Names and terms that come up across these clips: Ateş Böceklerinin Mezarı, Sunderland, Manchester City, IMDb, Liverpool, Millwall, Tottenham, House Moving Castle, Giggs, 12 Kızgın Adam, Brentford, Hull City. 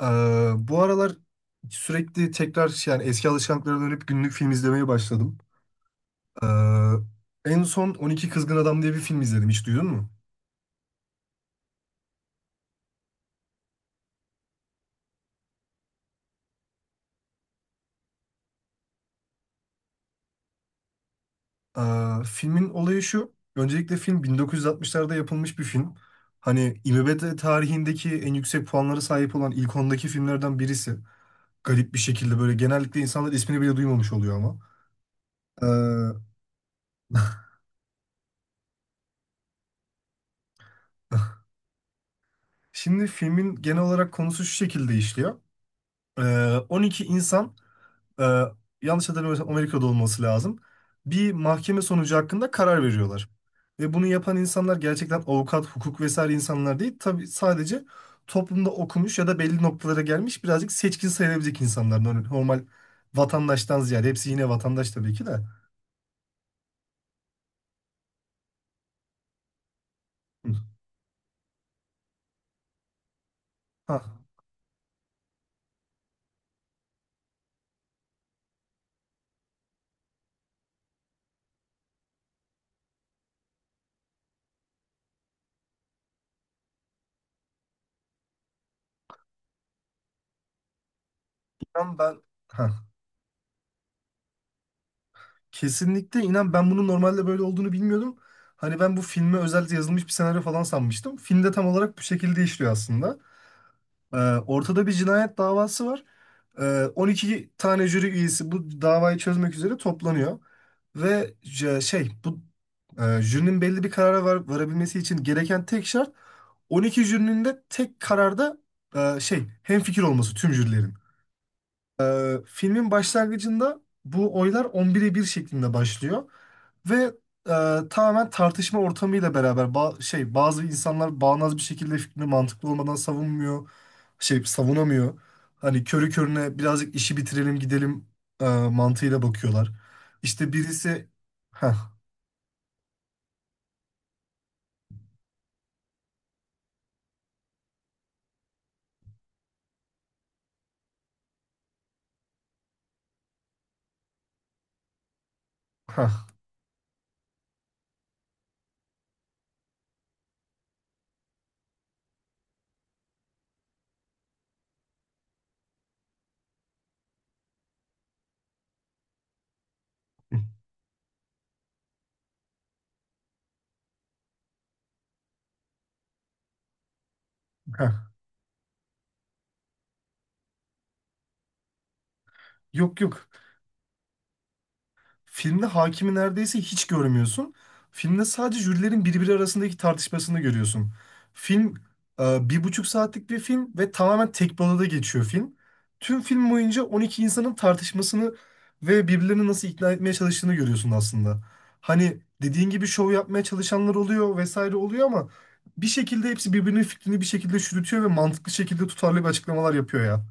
Ee, bu aralar sürekli tekrar yani eski alışkanlıklara dönüp günlük film izlemeye başladım. Ee, en son 12 Kızgın Adam diye bir film izledim. Hiç duydun mu? Filmin olayı şu. Öncelikle film 1960'larda yapılmış bir film. Hani IMDb tarihindeki en yüksek puanlara sahip olan ilk ondaki filmlerden birisi. Garip bir şekilde böyle genellikle insanlar ismini bile duymamış oluyor ama. Ee, şimdi filmin genel olarak konusu şu şekilde işliyor. Ee, 12 insan, e, yanlış hatırlamıyorsam Amerika'da olması lazım. Bir mahkeme sonucu hakkında karar veriyorlar. Ve bunu yapan insanlar gerçekten avukat, hukuk vesaire insanlar değil. Tabii sadece toplumda okumuş ya da belli noktalara gelmiş birazcık seçkin sayılabilecek insanlar. Normal vatandaştan ziyade. Hepsi yine vatandaş tabii ki de. Hı. Ha, inan ben ha, kesinlikle inan ben bunun normalde böyle olduğunu bilmiyordum. Hani ben bu filme özel yazılmış bir senaryo falan sanmıştım. Filmde tam olarak bu şekilde işliyor aslında. Ee, ortada bir cinayet davası var. 12 tane jüri üyesi bu davayı çözmek üzere toplanıyor. Ve jürinin belli bir karara varabilmesi için gereken tek şart, 12 jürinin de tek kararda hemfikir olması, tüm jürilerin. Filmin başlangıcında bu oylar 11'e bir şeklinde başlıyor ve tamamen tartışma ortamıyla beraber bazı insanlar bağnaz bir şekilde fikrini mantıklı olmadan savunmuyor. Savunamıyor. Hani körü körüne birazcık işi bitirelim gidelim mantığıyla bakıyorlar. İşte birisi. Ha, ha, ha. Yok, yok. Filmde hakimi neredeyse hiç görmüyorsun. Filmde sadece jürilerin birbiri arasındaki tartışmasını görüyorsun. Film, bir buçuk saatlik bir film ve tamamen tek bir odada geçiyor film. Tüm film boyunca 12 insanın tartışmasını ve birbirlerini nasıl ikna etmeye çalıştığını görüyorsun aslında. Hani dediğin gibi şov yapmaya çalışanlar oluyor vesaire oluyor, ama bir şekilde hepsi birbirinin fikrini bir şekilde çürütüyor ve mantıklı şekilde tutarlı bir açıklamalar yapıyor ya.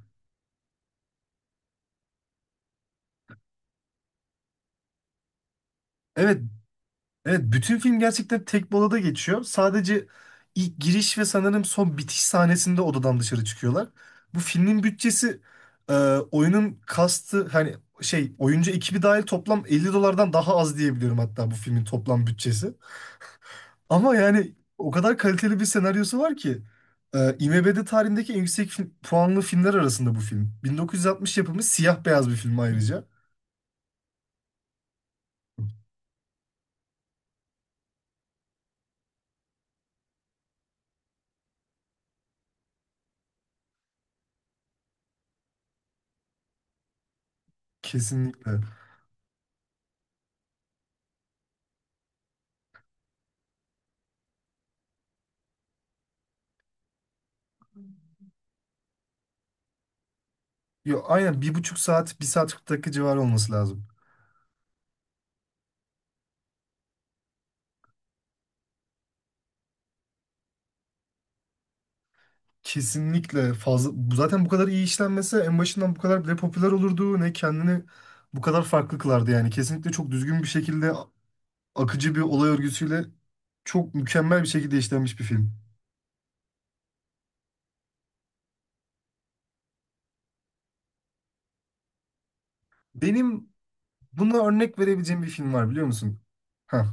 Evet, evet, bütün film gerçekten tek bir odada geçiyor. Sadece ilk giriş ve sanırım son bitiş sahnesinde odadan dışarı çıkıyorlar. Bu filmin bütçesi, e, oyunun kastı, hani oyuncu ekibi dahil, toplam 50 dolardan daha az diyebiliyorum, hatta bu filmin toplam bütçesi. Ama yani o kadar kaliteli bir senaryosu var ki, IMDb tarihindeki en yüksek puanlı filmler arasında bu film. 1960 yapımı siyah beyaz bir film ayrıca. Kesinlikle. Yo, aynen, bir buçuk saat, bir saat 40 dakika civarı olması lazım. Kesinlikle fazla zaten bu kadar iyi işlenmese, en başından bu kadar bile popüler olurdu, ne kendini bu kadar farklı kılardı. Yani kesinlikle çok düzgün bir şekilde, akıcı bir olay örgüsüyle, çok mükemmel bir şekilde işlenmiş bir film. Benim buna örnek verebileceğim bir film var, biliyor musun? Heh.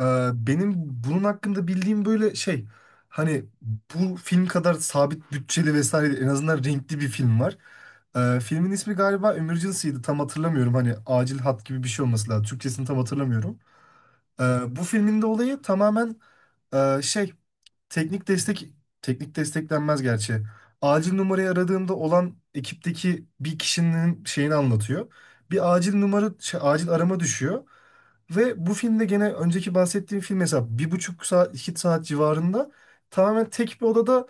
Benim bunun hakkında bildiğim böyle şey, hani bu film kadar sabit bütçeli vesaire değil, en azından renkli bir film var. Filmin ismi galiba Emergency'ydi, tam hatırlamıyorum, hani acil hat gibi bir şey olması lazım. Türkçesini tam hatırlamıyorum. Ee, bu filmin de olayı tamamen e, şey teknik destek. Teknik destek denmez gerçi. Acil numarayı aradığımda olan ekipteki bir kişinin şeyini anlatıyor. Bir acil acil arama düşüyor. Ve bu filmde, gene önceki bahsettiğim film, mesela bir buçuk saat iki saat civarında, tamamen tek bir odada,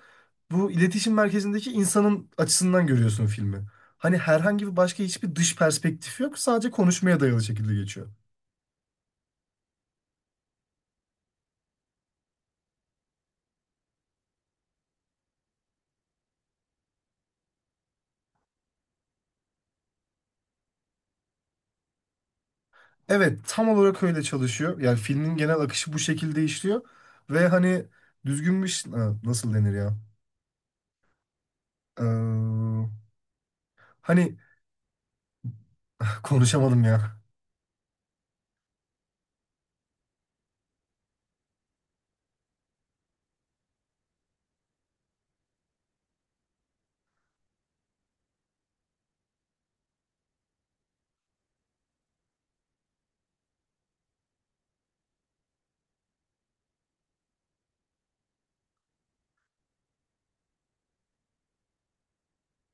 bu iletişim merkezindeki insanın açısından görüyorsun filmi. Hani herhangi bir başka hiçbir dış perspektif yok. Sadece konuşmaya dayalı şekilde geçiyor. Evet, tam olarak öyle çalışıyor. Yani filmin genel akışı bu şekilde işliyor. Ve hani düzgün bir. Ha, nasıl denir ya? Ee, hani konuşamadım ya.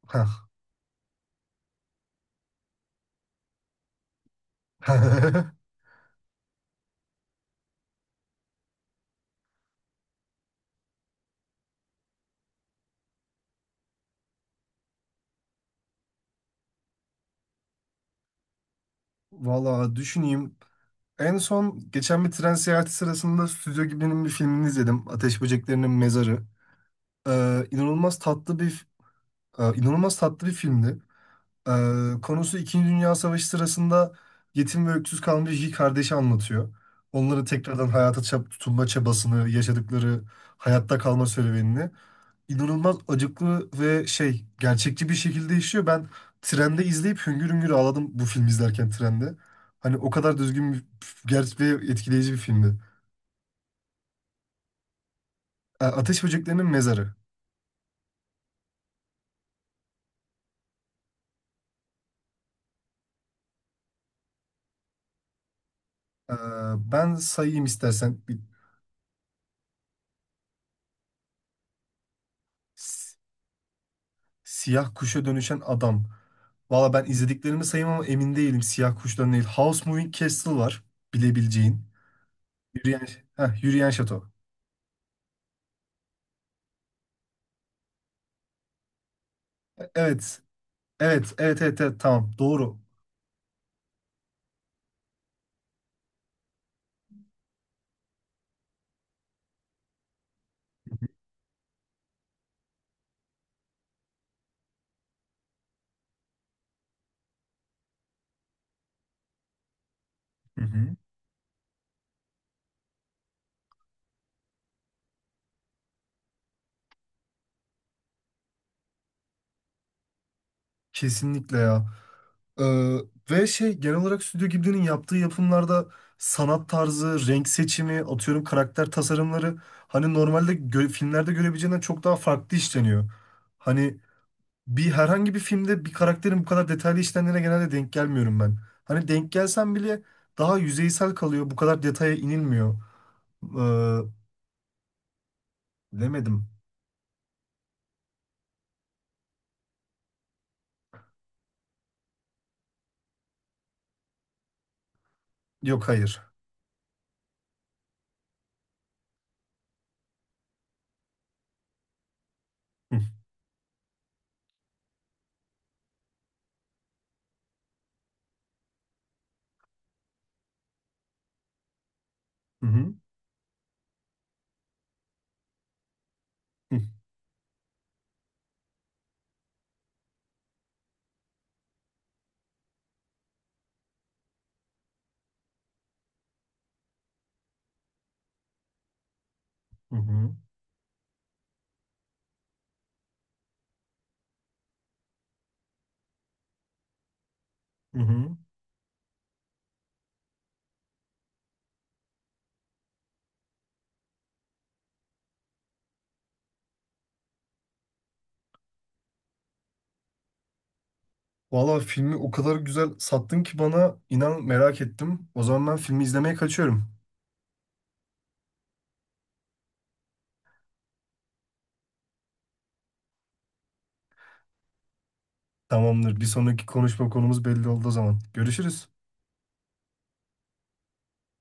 Hah. Valla düşüneyim. En son geçen bir tren seyahati sırasında Stüdyo Ghibli'nin bir filmini izledim. Ateş Böceklerinin Mezarı. İnanılmaz tatlı bir... e, inanılmaz tatlı bir filmdi. Ee, Konusu, İkinci Dünya Savaşı sırasında yetim ve öksüz kalmış iki kardeşi anlatıyor. Onların tekrardan hayata tutunma çabasını, yaşadıkları hayatta kalma serüvenini inanılmaz acıklı ve gerçekçi bir şekilde işliyor. Ben trende izleyip hüngür hüngür ağladım bu filmi izlerken trende. Hani o kadar düzgün bir, gerçek ve etkileyici bir filmdi. Ateş Böceklerinin Mezarı. Ee, ben sayayım istersen. Siyah kuşa dönüşen adam. Valla ben izlediklerimi sayayım ama emin değilim, siyah kuşların değil. House Moving Castle var, bilebileceğin. Yürüyen, yürüyen şato. Evet. Evet, evet, evet, evet, tamam. Doğru. Hı hı. Kesinlikle ya. Ee, Ve genel olarak Stüdyo Ghibli'nin yaptığı yapımlarda sanat tarzı, renk seçimi, atıyorum karakter tasarımları, hani normalde filmlerde görebileceğinden çok daha farklı işleniyor. Hani herhangi bir filmde bir karakterin bu kadar detaylı işlendiğine genelde denk gelmiyorum ben. Hani denk gelsem bile daha yüzeysel kalıyor. Bu kadar detaya inilmiyor. Ee, Demedim. Yok, hayır. Hı hı, hı hı, hı. Hı. Valla filmi o kadar güzel sattın ki bana, inan merak ettim. O zaman ben filmi izlemeye kaçıyorum. Tamamdır. Bir sonraki konuşma konumuz belli oldu o zaman. Görüşürüz.